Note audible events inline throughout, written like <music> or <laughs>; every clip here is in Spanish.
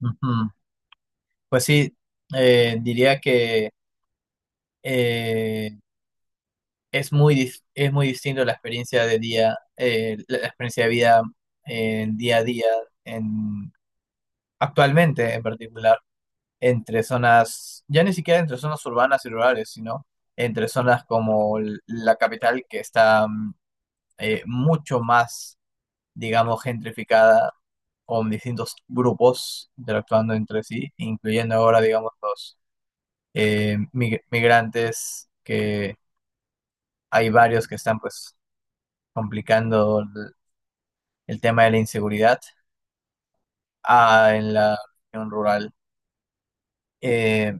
Ujú. Pues sí, diría que eh, es muy, es muy distinto la experiencia de día, la experiencia de vida en día a día, en, actualmente en particular, entre zonas, ya ni siquiera entre zonas urbanas y rurales, sino entre zonas como la capital que está mucho más, digamos, gentrificada, con distintos grupos interactuando entre sí, incluyendo ahora, digamos, los migrantes, que hay varios que están pues complicando el tema de la inseguridad ah, en la región rural. Eh,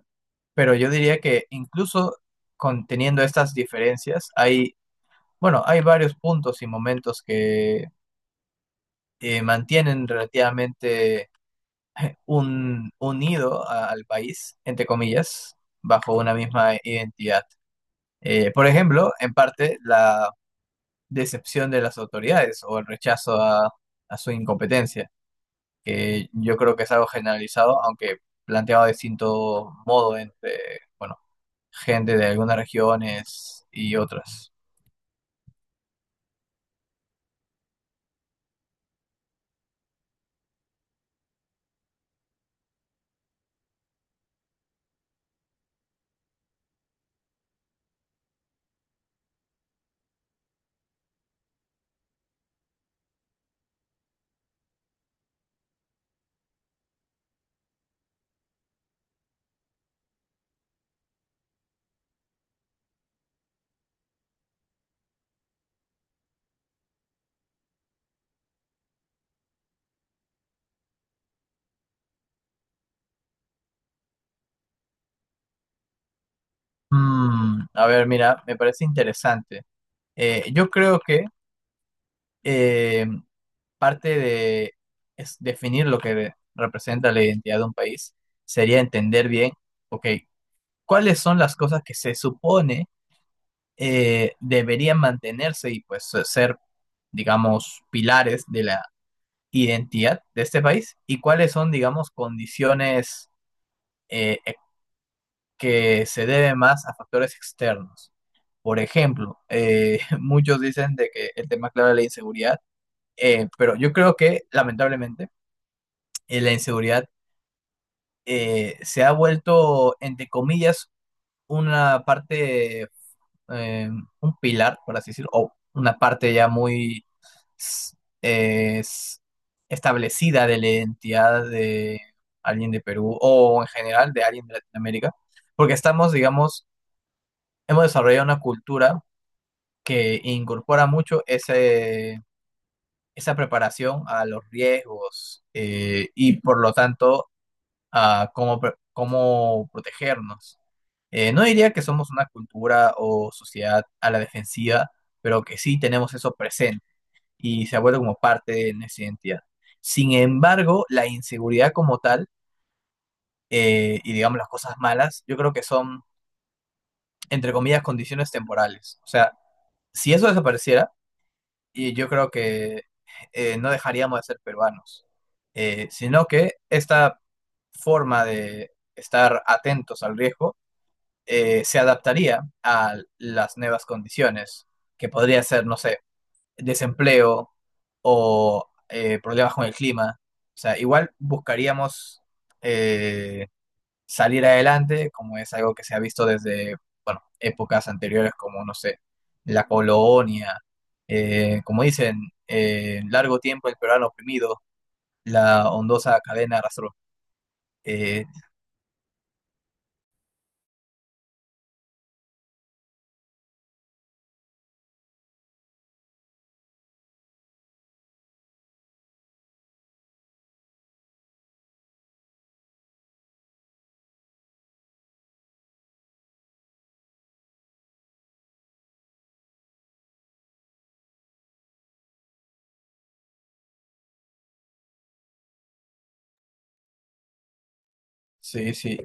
pero yo diría que incluso conteniendo estas diferencias, hay, bueno, hay varios puntos y momentos que mantienen relativamente un, unido al país, entre comillas, bajo una misma identidad. Por ejemplo, en parte, la decepción de las autoridades o el rechazo a su incompetencia, que yo creo que es algo generalizado, aunque planteado de distinto modo entre, bueno, gente de algunas regiones y otras. Mm, a ver, mira, me parece interesante. Yo creo que eh, parte de es definir lo que representa la identidad de un país sería entender bien, ok, cuáles son las cosas que se supone deberían mantenerse y pues ser, digamos, pilares de la identidad de este país y cuáles son, digamos, condiciones e, que se deben más a factores externos. Por ejemplo, <laughs> muchos dicen de que el tema clave es la inseguridad, pero yo creo que lamentablemente la inseguridad se ha vuelto, entre comillas, una parte, eh, un pilar, por así decirlo, o una parte ya muy s- es establecida de la identidad de alguien de Perú o en general de alguien de Latinoamérica, porque estamos, digamos, hemos desarrollado una cultura que incorpora mucho ese, esa preparación a los riesgos y por lo tanto a cómo, cómo protegernos. No diría que somos una cultura o sociedad a la defensiva, pero que sí tenemos eso presente y se ha vuelto como parte de nuestra identidad. Sin embargo, la inseguridad como tal y digamos las cosas malas, yo creo que son, entre comillas, condiciones temporales. O sea, si eso desapareciera, y yo creo que no dejaríamos de ser peruanos, sino que esta forma de estar atentos al riesgo se adaptaría a las nuevas condiciones, que podría ser, no sé, desempleo o problemas con el clima. O sea, igual buscaríamos eh, salir adelante, como es algo que se ha visto desde, bueno, épocas anteriores, como, no sé, la colonia, como dicen, largo tiempo el peruano oprimido, la ondosa cadena arrastró. Eh, sí, sí,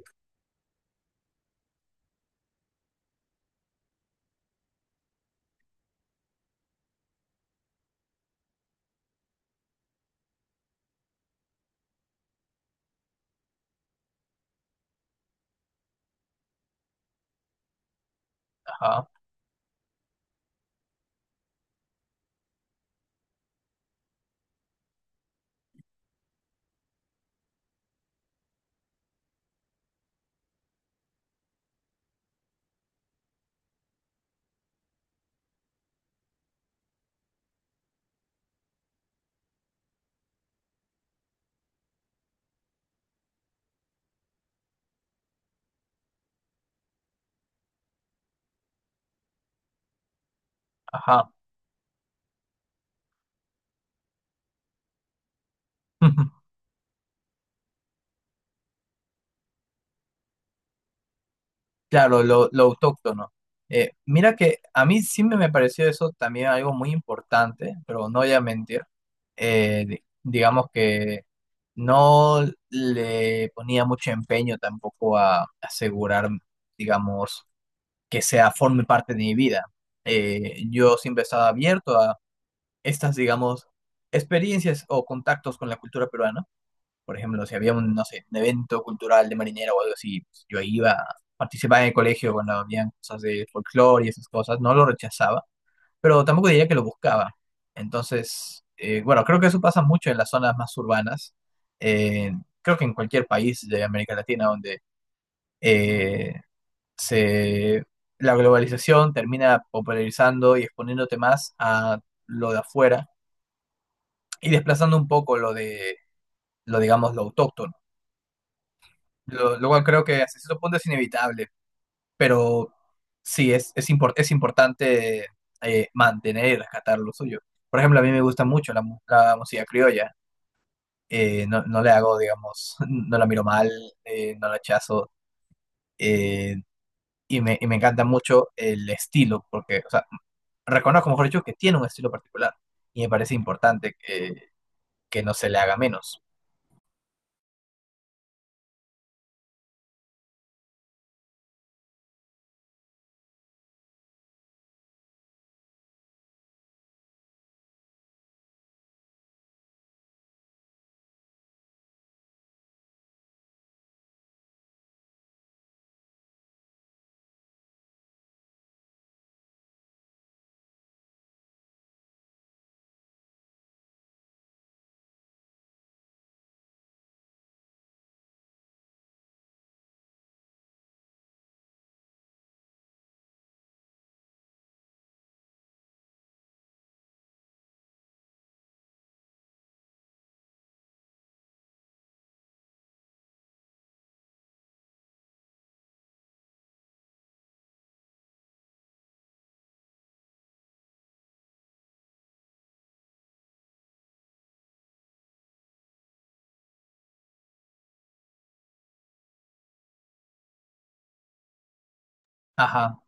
ajá, ajá. <laughs> Claro, lo autóctono. Mira que a mí sí me pareció eso también algo muy importante, pero no voy a mentir. Digamos que no le ponía mucho empeño tampoco a asegurar, digamos, que sea forme parte de mi vida. Yo siempre estaba abierto a estas, digamos, experiencias o contactos con la cultura peruana, por ejemplo, si había un, no sé, un evento cultural de marinera o algo así, pues, yo iba, participaba en el colegio cuando habían cosas de folclore y esas cosas, no lo rechazaba, pero tampoco diría que lo buscaba. Entonces, bueno, creo que eso pasa mucho en las zonas más urbanas. eh, Creo que en cualquier país de América Latina donde eh, se, la globalización termina popularizando y exponiéndote más a lo de afuera y desplazando un poco lo de, lo digamos, lo autóctono. Luego creo que hasta cierto punto es inevitable, pero sí, es, es importante mantener y rescatar lo suyo. Por ejemplo, a mí me gusta mucho la, la música criolla. No, no le hago, digamos, <laughs> no la miro mal, no la rechazo. eh, y, me, y me encanta mucho el estilo, porque, o sea, reconozco, mejor dicho, que tiene un estilo particular. Y me parece importante que no se le haga menos. Ajá.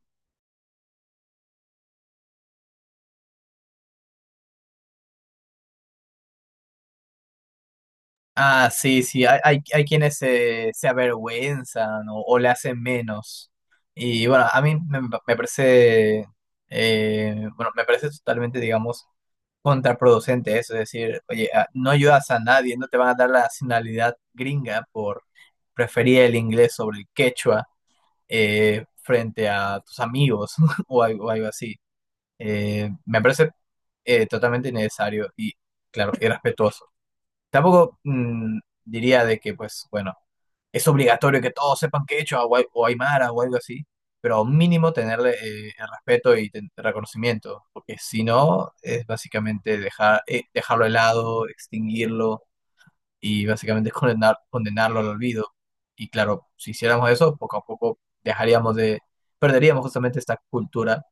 Ah, sí, sí, hay quienes se, se avergüenzan o le hacen menos. Y bueno, a mí me, me parece, bueno, me parece totalmente, digamos, contraproducente eso, es decir, oye, ah, no ayudas a nadie, no te van a dar la nacionalidad gringa por preferir el inglés sobre el quechua frente a tus amigos <laughs> o algo, algo así. Me parece totalmente innecesario y, claro, irrespetuoso. Tampoco mm, diría de que, pues, bueno, es obligatorio que todos sepan quechua o, o aymara o algo así, pero mínimo tenerle el respeto y reconocimiento, porque si no, es básicamente dejar, dejarlo de lado, extinguirlo y básicamente es condenar, condenarlo al olvido. Y claro, si hiciéramos eso, poco a poco dejaríamos de, perderíamos justamente esta cultura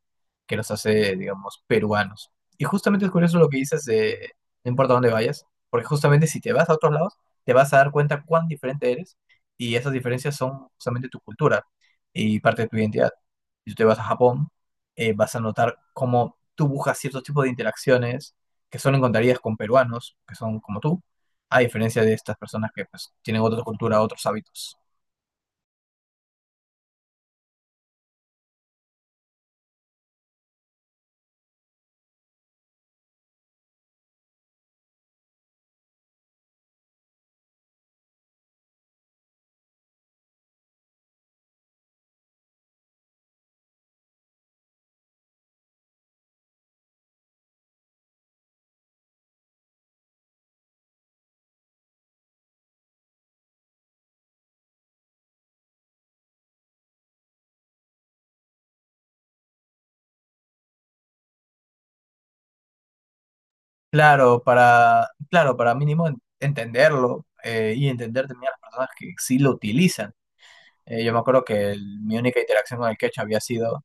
que nos hace, digamos, peruanos. Y justamente es curioso lo que dices de, no importa dónde vayas, porque justamente si te vas a otros lados, te vas a dar cuenta cuán diferente eres y esas diferencias son justamente tu cultura y parte de tu identidad. Si tú te vas a Japón, vas a notar cómo tú buscas ciertos tipos de interacciones que solo encontrarías con peruanos, que son como tú, a diferencia de estas personas que pues, tienen otra cultura, otros hábitos. Claro, para, claro, para mínimo entenderlo y entender también a las personas que sí lo utilizan. Yo me acuerdo que mi única interacción con el quechua había sido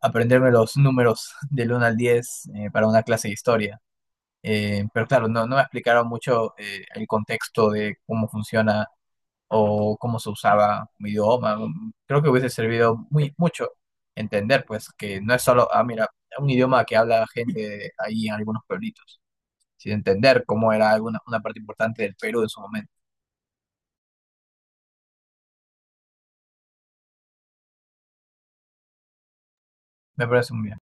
aprenderme los números <laughs> del 1 al 10 para una clase de historia. Pero claro, no, no me explicaron mucho el contexto de cómo funciona o cómo se usaba un idioma. Creo que hubiese servido muy mucho entender, pues, que no es solo, ah, mira, un idioma que habla gente ahí en algunos pueblitos, sino entender cómo era alguna, una parte importante del Perú en su momento. Me parece muy bien.